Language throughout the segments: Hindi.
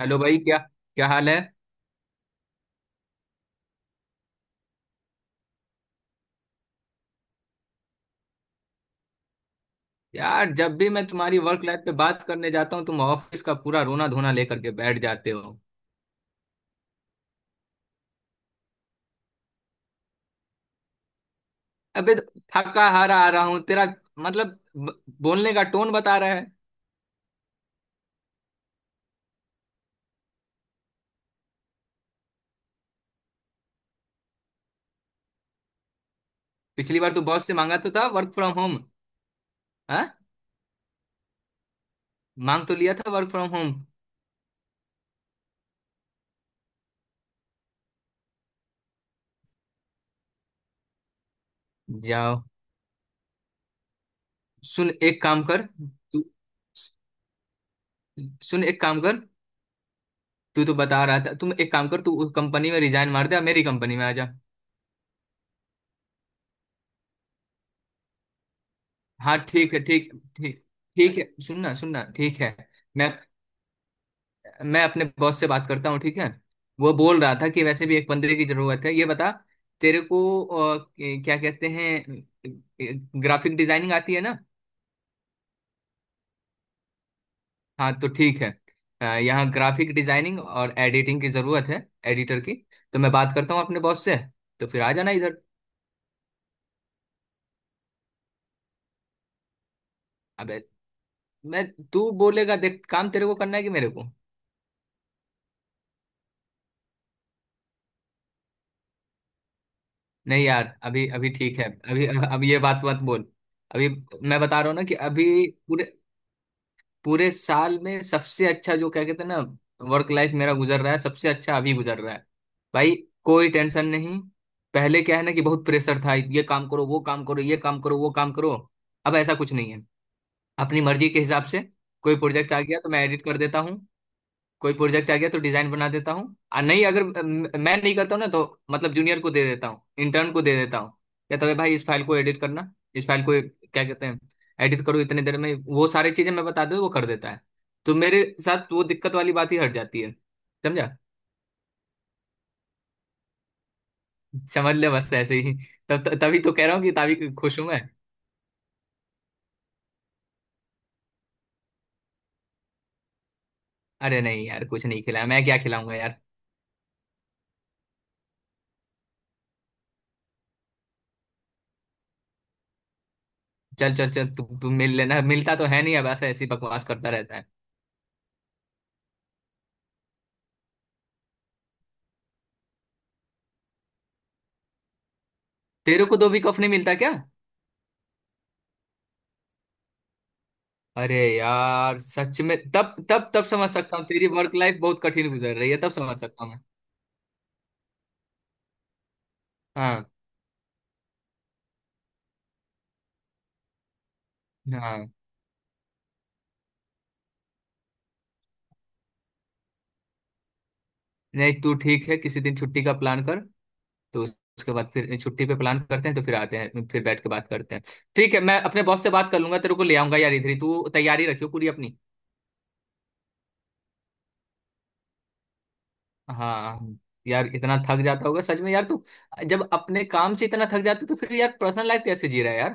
हेलो भाई, क्या क्या हाल है। यार, जब भी मैं तुम्हारी वर्क लाइफ पे बात करने जाता हूँ, तुम ऑफिस का पूरा रोना धोना लेकर के बैठ जाते हो। अबे, थका हारा आ रहा हूँ तेरा। मतलब बोलने का टोन बता रहा है। पिछली बार तू बॉस से मांगा तो था वर्क फ्रॉम होम। हाँ, मांग तो लिया था वर्क फ्रॉम होम। जाओ। सुन, एक काम कर। तू। सुन, एक काम कर। तू तो बता रहा था, तुम एक काम कर, तू उस कंपनी में रिजाइन मार दे और मेरी कंपनी में आ जा। हाँ, ठीक है। ठीक। ठीक। ठीक है, सुनना सुनना, ठीक है। मैं। मैं अपने बॉस से बात करता हूँ, ठीक है। वो बोल रहा था कि वैसे भी एक बंदे की जरूरत है। ये बता, तेरे को क्या कहते हैं, ग्राफिक डिजाइनिंग आती है ना। हाँ तो ठीक है। यहाँ ग्राफिक डिजाइनिंग और एडिटिंग की जरूरत है, एडिटर की। तो मैं बात करता हूँ अपने बॉस से, तो फिर आ जाना इधर। अबे। मैं। तू बोलेगा देख, काम तेरे को करना है कि मेरे को। नहीं यार, अभी अभी ठीक है, अभी अब ये बात मत बोल। अभी मैं बता रहा हूँ ना कि अभी, पूरे पूरे साल में सबसे अच्छा, जो क्या कहते हैं ना, वर्क लाइफ मेरा गुजर रहा है, सबसे अच्छा अभी गुजर रहा है भाई। कोई टेंशन नहीं। पहले क्या है ना कि बहुत प्रेशर था, ये काम करो वो काम करो ये काम करो वो काम करो। अब ऐसा कुछ नहीं है, अपनी मर्जी के हिसाब से। कोई प्रोजेक्ट आ गया तो मैं एडिट कर देता हूँ, कोई प्रोजेक्ट आ गया तो डिजाइन बना देता हूँ, और नहीं अगर मैं नहीं करता हूँ ना, तो मतलब जूनियर को दे देता हूँ, इंटर्न को दे देता हूँ। कहता है, भाई इस फाइल को एडिट करना, इस फाइल को क्या कहते हैं एडिट करो, इतने देर में वो सारी चीजें मैं बता दूँ वो कर देता है। तो मेरे साथ वो दिक्कत वाली बात ही हट जाती है, समझा। समझ ले बस ऐसे ही। तब तभी तो कह रहा हूँ कि तभी खुश हूं मैं। अरे नहीं यार, कुछ नहीं खिलाया, मैं क्या खिलाऊंगा यार। चल चल चल, तू तू मिल लेना, मिलता तो है नहीं, अब ऐसा ऐसी बकवास करता रहता है। तेरे को 2 वीक ऑफ नहीं मिलता क्या। अरे यार, सच में, तब तब तब समझ सकता हूँ, तेरी वर्क लाइफ बहुत कठिन गुजर रही है, तब समझ सकता हूँ मैं। हाँ। हाँ, नहीं तू ठीक है, किसी दिन छुट्टी का प्लान कर, तो उसके बाद फिर छुट्टी पे प्लान करते हैं, तो फिर आते हैं फिर बैठ के बात करते हैं। ठीक है, मैं अपने बॉस से बात कर लूंगा, तेरे को ले आऊंगा यार इधर ही, तू तैयारी रखियो पूरी अपनी। हाँ। यार, इतना थक जाता होगा सच में यार तू। जब अपने काम से इतना थक जाता, तो फिर यार पर्सनल लाइफ कैसे जी रहा है।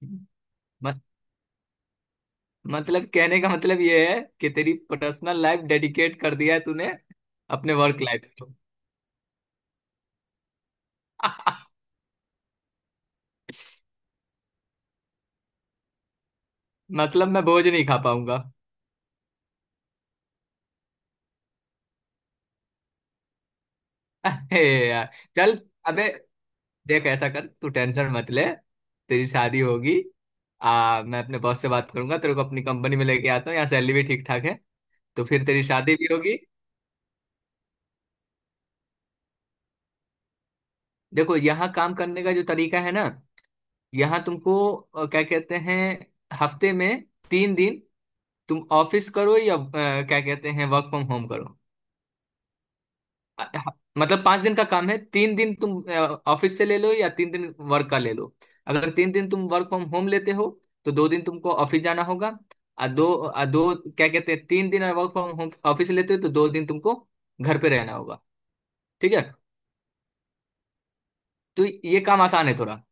यार, मतलब कहने का मतलब ये है कि तेरी पर्सनल लाइफ डेडिकेट कर दिया है तूने, अपने वर्क लाइफ को। मतलब मैं बोझ नहीं खा पाऊंगा। अरे यार। चल। अबे, देख ऐसा कर, तू टेंशन मत ले। तेरी शादी होगी। आ, मैं अपने बॉस से बात करूंगा, तेरे को अपनी कंपनी में लेके आता हूँ, यहाँ सैलरी भी ठीक ठाक है, तो फिर तेरी शादी भी होगी। देखो यहाँ काम करने का जो तरीका है ना, यहाँ तुमको क्या कहते हैं, हफ्ते में 3 दिन तुम ऑफिस करो या क्या कहते हैं, वर्क फ्रॉम होम करो। अ, ह- मतलब 5 दिन का काम है, 3 दिन तुम ऑफिस से ले लो, या 3 दिन वर्क का ले लो। अगर 3 दिन तुम वर्क फ्रॉम होम लेते हो तो 2 दिन तुमको ऑफिस जाना होगा। और दो, और दो क्या कहते हैं, 3 दिन वर्क फ्रॉम होम ऑफिस लेते हो तो 2 दिन तुमको घर पे रहना होगा, ठीक है। तो ये काम आसान है थोड़ा।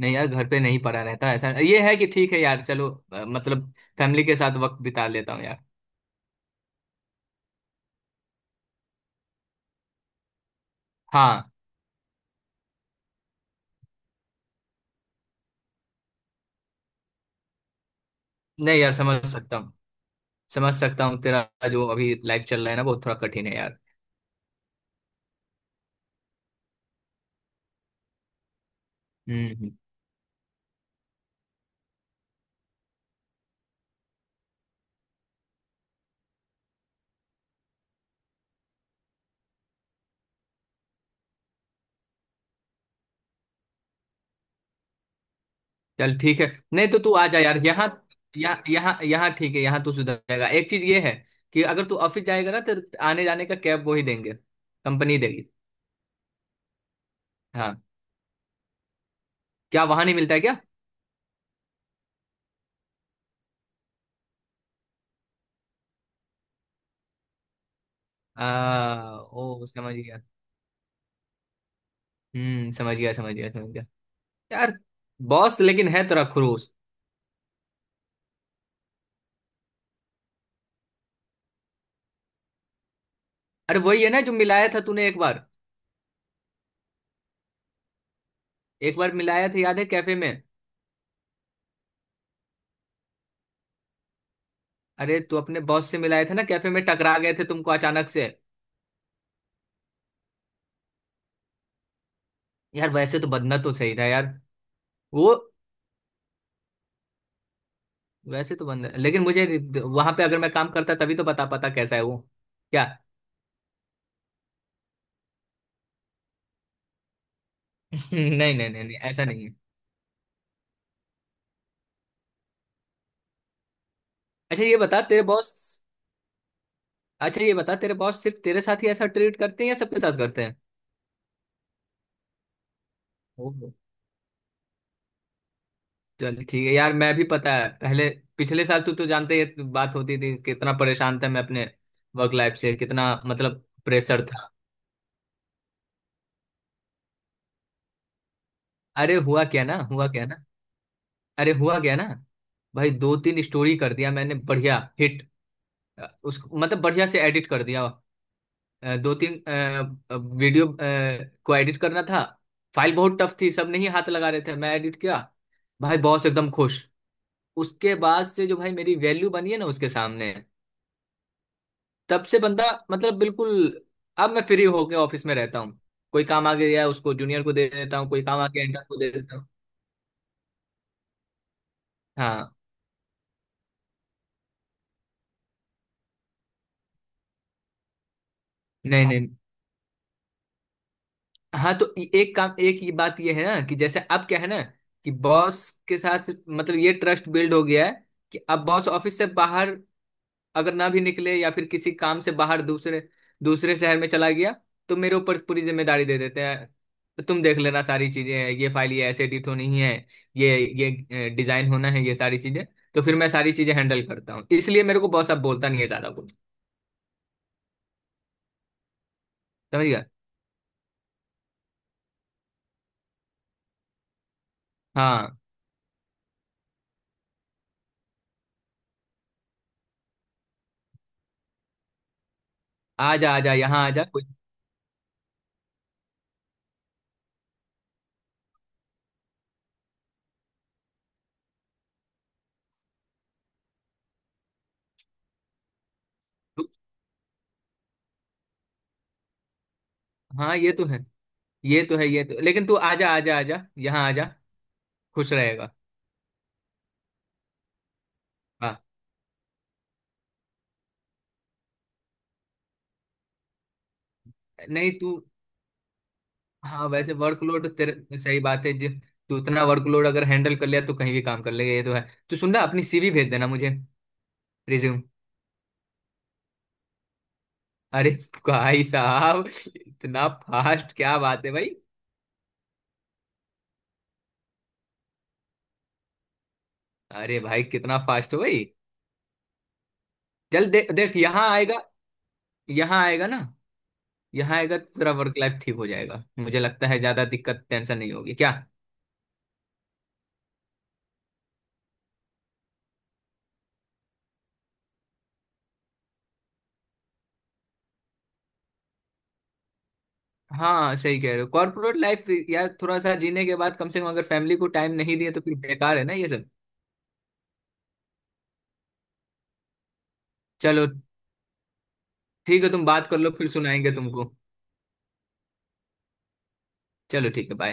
नहीं यार, घर पे नहीं पड़ा रहता, ऐसा ये है कि ठीक है यार, चलो मतलब फैमिली के साथ वक्त बिता लेता हूँ यार। हाँ। नहीं यार, समझ सकता हूँ, समझ सकता हूँ तेरा, जो अभी लाइफ चल रहा है ना वो थोड़ा कठिन है यार। हम्म। हम्म। चल ठीक है, नहीं तो तू आ जा यार यहाँ, यहाँ यहाँ यहाँ ठीक है, यहाँ तू सुधर जाएगा। एक चीज ये है कि अगर तू ऑफिस जाएगा ना, तो आने जाने का कैब वो ही देंगे, कंपनी देगी। हाँ, क्या वहां नहीं मिलता है क्या। आ, ओ समझ गया। हम्म, समझ गया समझ गया समझ गया। यार बॉस लेकिन है तेरा खड़ूस। अरे वही है ना जो मिलाया था तूने एक बार। एक बार मिलाया था याद है, कैफे में। अरे तू अपने बॉस से मिलाया था ना कैफे में, टकरा गए थे तुमको अचानक से। यार वैसे तो बंदना तो सही था यार। वो, वैसे तो बंदा, लेकिन मुझे वहां पे अगर मैं काम करता तभी तो बता पाता कैसा है वो। क्या। नहीं नहीं नहीं नहीं, ऐसा नहीं है। अच्छा ये बता तेरे बॉस, अच्छा ये बता, तेरे बॉस सिर्फ तेरे साथ ही ऐसा ट्रीट करते हैं या सबके साथ करते हैं। चल ठीक है यार, मैं भी पता है, पहले पिछले साल तू तो जानते ही है, बात होती थी कितना परेशान था मैं अपने वर्क लाइफ से, कितना मतलब प्रेशर था। अरे हुआ क्या ना, हुआ क्या ना। अरे हुआ क्या ना, भाई दो तीन स्टोरी कर दिया मैंने बढ़िया हिट, उसको मतलब बढ़िया से एडिट कर दिया। दो तीन वीडियो को एडिट करना था, फाइल बहुत टफ थी, सब नहीं हाथ लगा रहे थे, मैं एडिट किया। भाई बॉस एकदम खुश। उसके बाद से जो भाई मेरी वैल्यू बनी है ना उसके सामने, तब से बंदा, मतलब बिल्कुल, अब मैं फ्री होके ऑफिस में रहता हूँ। कोई काम आ गया है, उसको जूनियर को दे देता हूँ, कोई काम आ गया इंटर्न को दे देता हूँ। हाँ। नहीं नहीं। हाँ तो, एक काम, एक ये बात ये है ना, कि जैसे अब क्या है ना, कि बॉस के साथ मतलब ये ट्रस्ट बिल्ड हो गया है, कि अब बॉस ऑफिस से बाहर अगर ना भी निकले, या फिर किसी काम से बाहर दूसरे दूसरे शहर में चला गया, तो मेरे ऊपर पूरी जिम्मेदारी दे देते हैं। तो तुम देख लेना सारी चीजें, ये फाइल ये ऐसे एडिट होनी है, ये डिजाइन होना है, ये सारी चीजें, तो फिर मैं सारी चीजें हैंडल करता हूँ, इसलिए मेरे को बॉस अब बोलता नहीं है ज्यादा कुछ। समझ गया। हाँ आ जा आ जा, यहाँ आ जा कोई। तू- हाँ ये तो है, ये तो है ये तो, लेकिन तू आ जा आ जा आ जा, यहाँ आ जा, खुश रहेगा। हाँ। नहीं तू, हाँ वैसे वर्कलोड तेरे, सही बात है जी, तू इतना वर्कलोड अगर हैंडल कर लिया तो कहीं भी काम कर लेगा, ये तो है। तो सुन ना, अपनी सीवी भेज देना मुझे, रिज्यूम। अरे भाई साहब, इतना फास्ट, क्या बात है भाई। अरे भाई कितना फास्ट हो भाई। जल्द दे, देख यहाँ आएगा, यहाँ आएगा ना, यहाँ आएगा तो तेरा वर्क लाइफ ठीक हो जाएगा, मुझे लगता है ज्यादा दिक्कत टेंशन नहीं होगी क्या। हाँ सही कह रहे हो, कॉर्पोरेट लाइफ यार थोड़ा सा जीने के बाद कम से कम अगर फैमिली को टाइम नहीं दिए, तो फिर बेकार है ना ये सब। चलो ठीक है, तुम बात कर लो, फिर सुनाएंगे तुमको। चलो ठीक है, बाय।